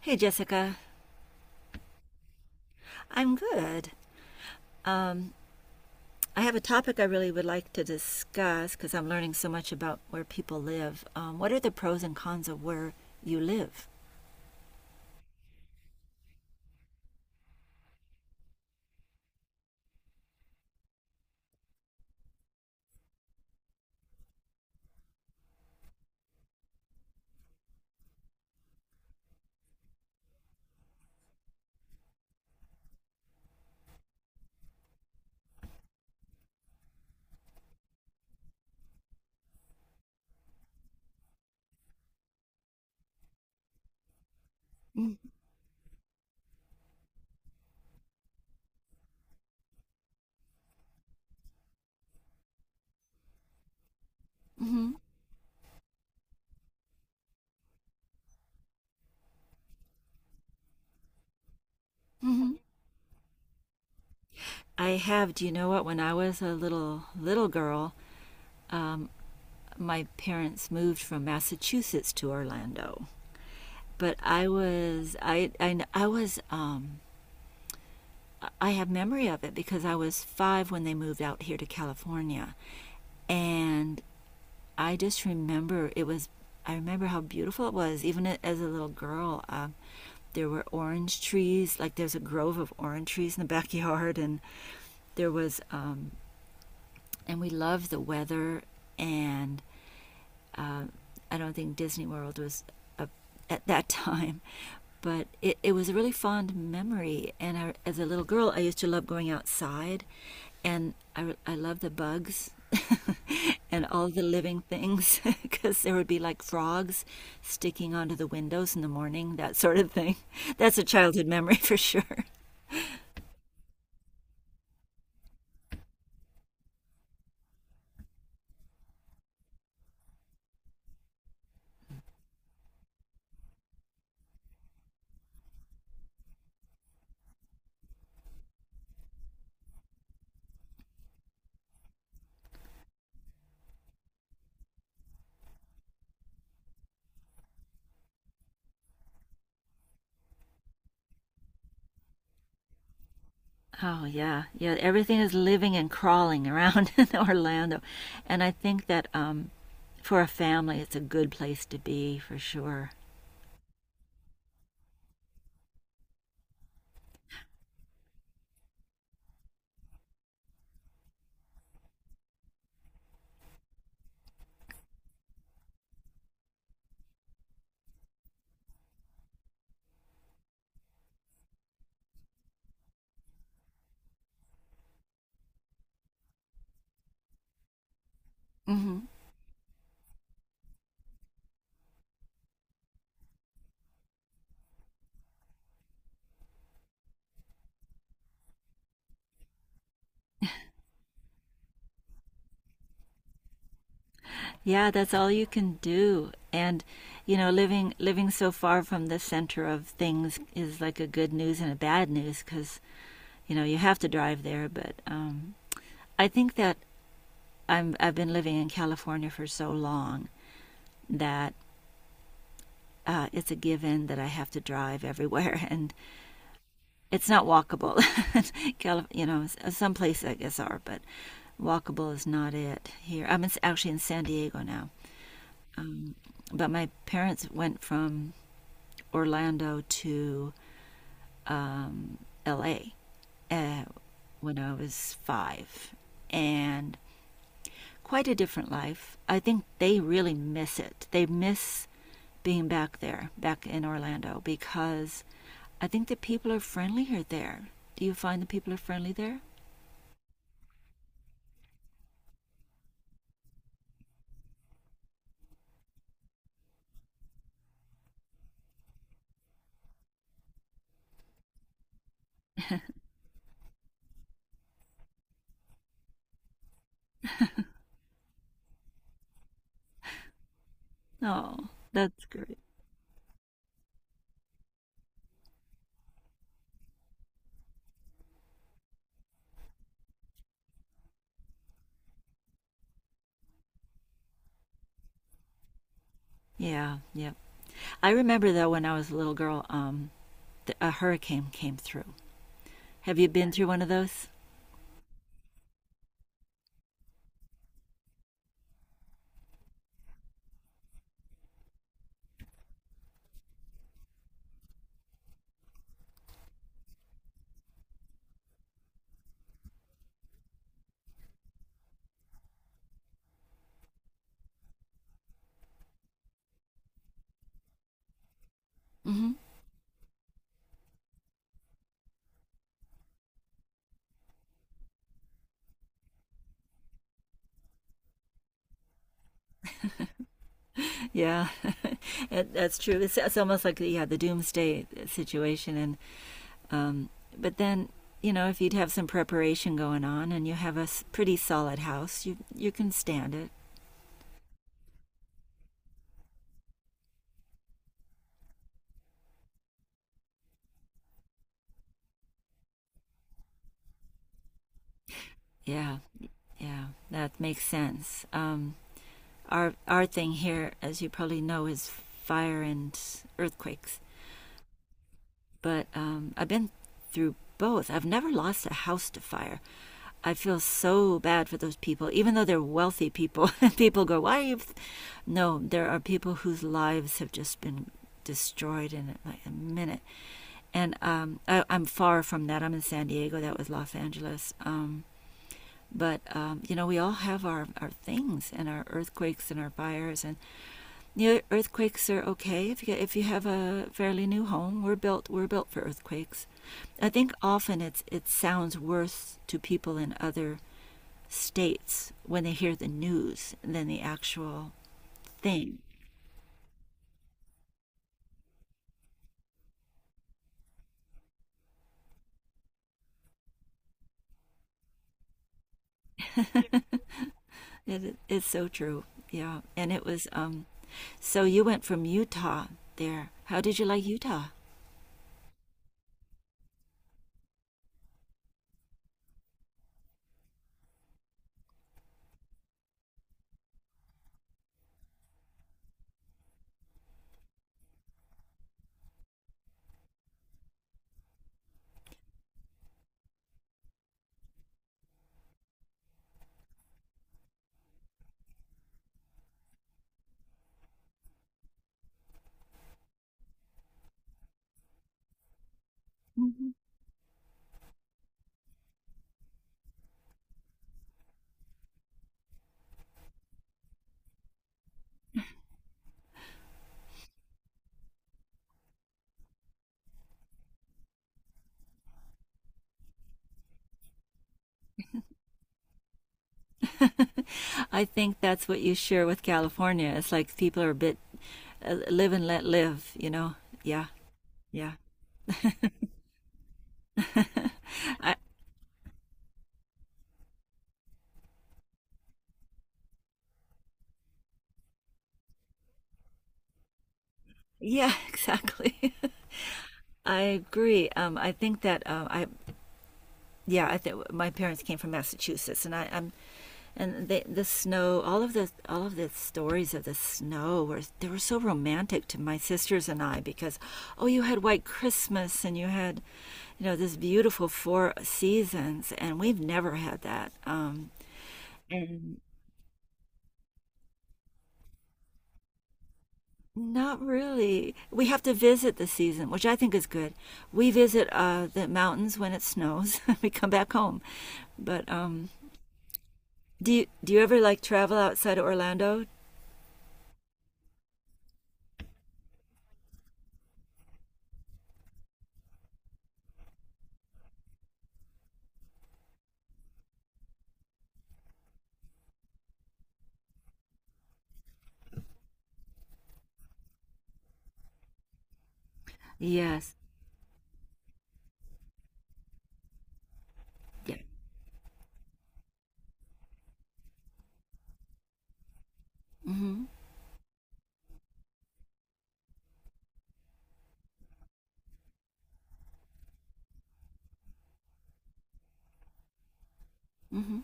Hey, Jessica. I'm good. Um, I have a topic I really would like to discuss because I'm learning so much about where people live. What are the pros and cons of where you live? Mm-hmm. Hmm. I have. Do you know what? When I was a little girl, um, my parents moved from Massachusetts to Orlando. But I was. I have memory of it because I was 5 when they moved out here to California, and I just remember it was. I remember how beautiful it was, even as a little girl. There were orange trees, like there's a grove of orange trees in the backyard, and there was, and we loved the weather, and um, I don't think Disney World was a, at that time, but it was a really fond memory. And I, as a little girl, I used to love going outside, and I love the bugs and all the living things because there would be like frogs sticking onto the windows in the morning, that sort of thing. That's a childhood memory for sure. Oh, yeah. Yeah, everything is living and crawling around in Orlando. And I think that for a family, it's a good place to be for sure. Hmm. Yeah, that's all you can do. Living so far from the center of things is like a good news and a bad news because, you have to drive there. But I think that I've been living in California for so long that it's a given that I have to drive everywhere. And it's not walkable. you know, some places I guess are, but walkable is not it here. Actually in San Diego now. Um, but my parents went from Orlando to um, L.A. Uh, when I was 5, and quite a different life. I think they really miss it. They miss being back there, back in Orlando, because I think the people are friendlier there. Do you find the people are friendly there? Oh, that's great. Yeah, yeah. I remember though when I was a little girl, a hurricane came through. Have you been through one of those? Hmm. Yeah, that's true. It's almost like yeah, the doomsday situation, and um, but then you know if you'd have some preparation going on and you have a pretty solid house, you can stand it. Yeah, yeah, that makes sense. Our thing here, as you probably know, is fire and earthquakes. But I've been through both. I've never lost a house to fire. I feel so bad for those people, even though they're wealthy people. People go, why are you? No, there are people whose lives have just been destroyed in like a minute. And I'm far from that. I'm in San Diego. That was Los Angeles. But you know, we all have our things and our earthquakes and our fires, and new earthquakes are okay if if you have a fairly new home. We're built for earthquakes. I think often it sounds worse to people in other states when they hear the news than the actual thing. It's so true. Yeah, and it was so you went from Utah there. How did you like Utah? Mm-hmm. I think that's what you share with California. It's like people are a bit live and let live. You know? Yeah, yeah. I, yeah, exactly. I agree. I think that I yeah, I think my parents came from Massachusetts, and I'm and they, the snow, all of the stories of the snow were they were so romantic to my sisters and I because oh, you had White Christmas and you had you know this beautiful four seasons, and we've never had that. Not really. We have to visit the season, which I think is good. We visit the mountains when it snows. We come back home. But do you ever like travel outside of Orlando? Yes. Yeah. Mm-hmm. Mm-hmm.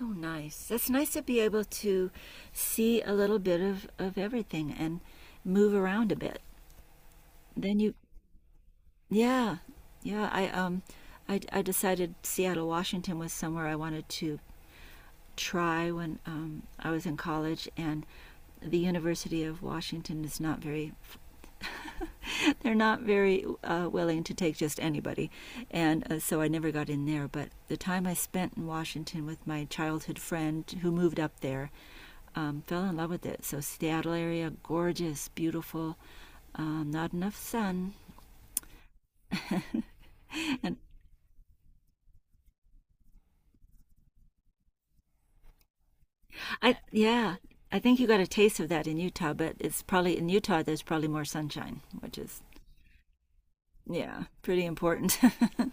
Oh, nice. That's nice to be able to see a little bit of everything and move around a bit. Then you, yeah, yeah. I I decided Seattle, Washington was somewhere I wanted to try when I was in college, and the University of Washington is not very, they're not very willing to take just anybody. And so I never got in there. But the time I spent in Washington with my childhood friend who moved up there, fell in love with it. So Seattle area, gorgeous, beautiful, not enough sun. And yeah, I think you got a taste of that in Utah, but it's probably in Utah, there's probably more sunshine, which is yeah, pretty important.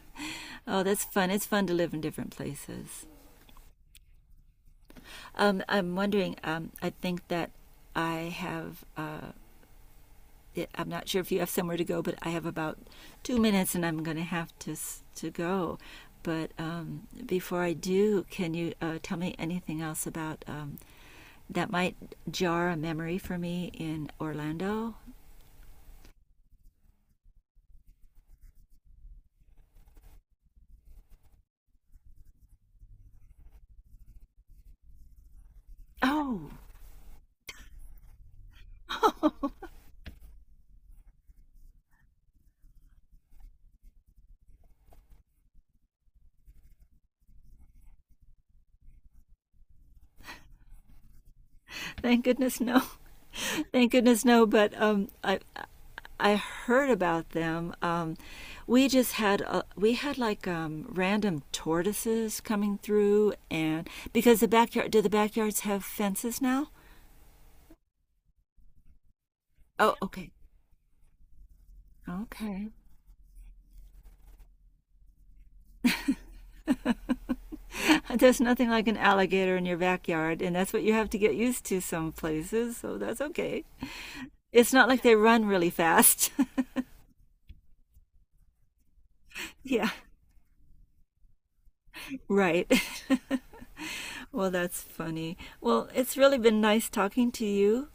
Oh, that's fun. It's fun to live in different places. I'm wondering, I think that I have, I'm not sure if you have somewhere to go, but I have about 2 minutes and I'm going to have to go. But before I do, can you tell me anything else about that might jar a memory for me in Orlando? Oh, thank goodness, no. Thank goodness, no. But I heard about them. We just had we had like random tortoises coming through, and because the backyard do the backyards have fences now? Oh, okay, okay. There's nothing like an alligator in your backyard, and that's what you have to get used to some places. So that's okay. It's not like they run really fast. Yeah, right. Well, that's funny. Well, it's really been nice talking to you.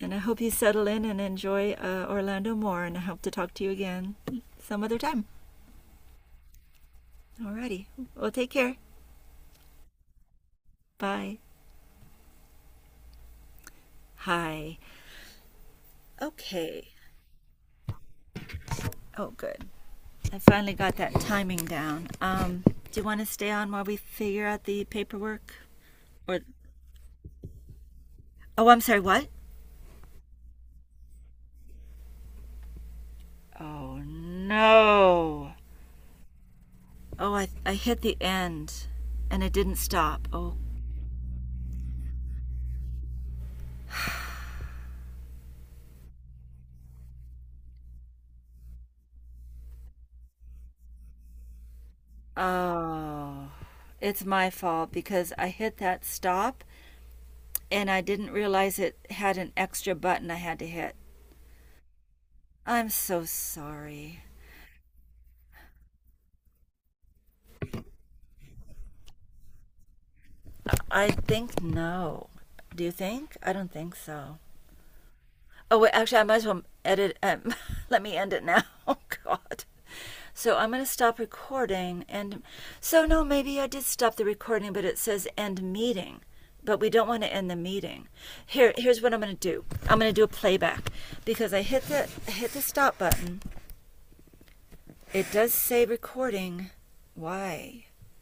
And I hope you settle in and enjoy Orlando more. And I hope to talk to you again some other time. Alrighty. Well, take care. Bye. Hi. Okay. Oh, good. I finally got that timing down. Do you want to stay on while we figure out the paperwork? Or oh, I'm sorry. What? Oh no. Oh, I hit the end, and it didn't stop. Oh. Oh. It's my fault because I hit that stop and I didn't realize it had an extra button I had to hit. I'm so sorry. I think no. Do you think? I don't think so. Oh, wait, actually, I might as well edit. Let me end it now. Oh, God. So I'm going to stop recording. And so, no, maybe I did stop the recording, but it says end meeting. But we don't want to end the meeting. Here's what I'm going to do. I'm going to do a playback because I hit the stop button. It does say recording. Why?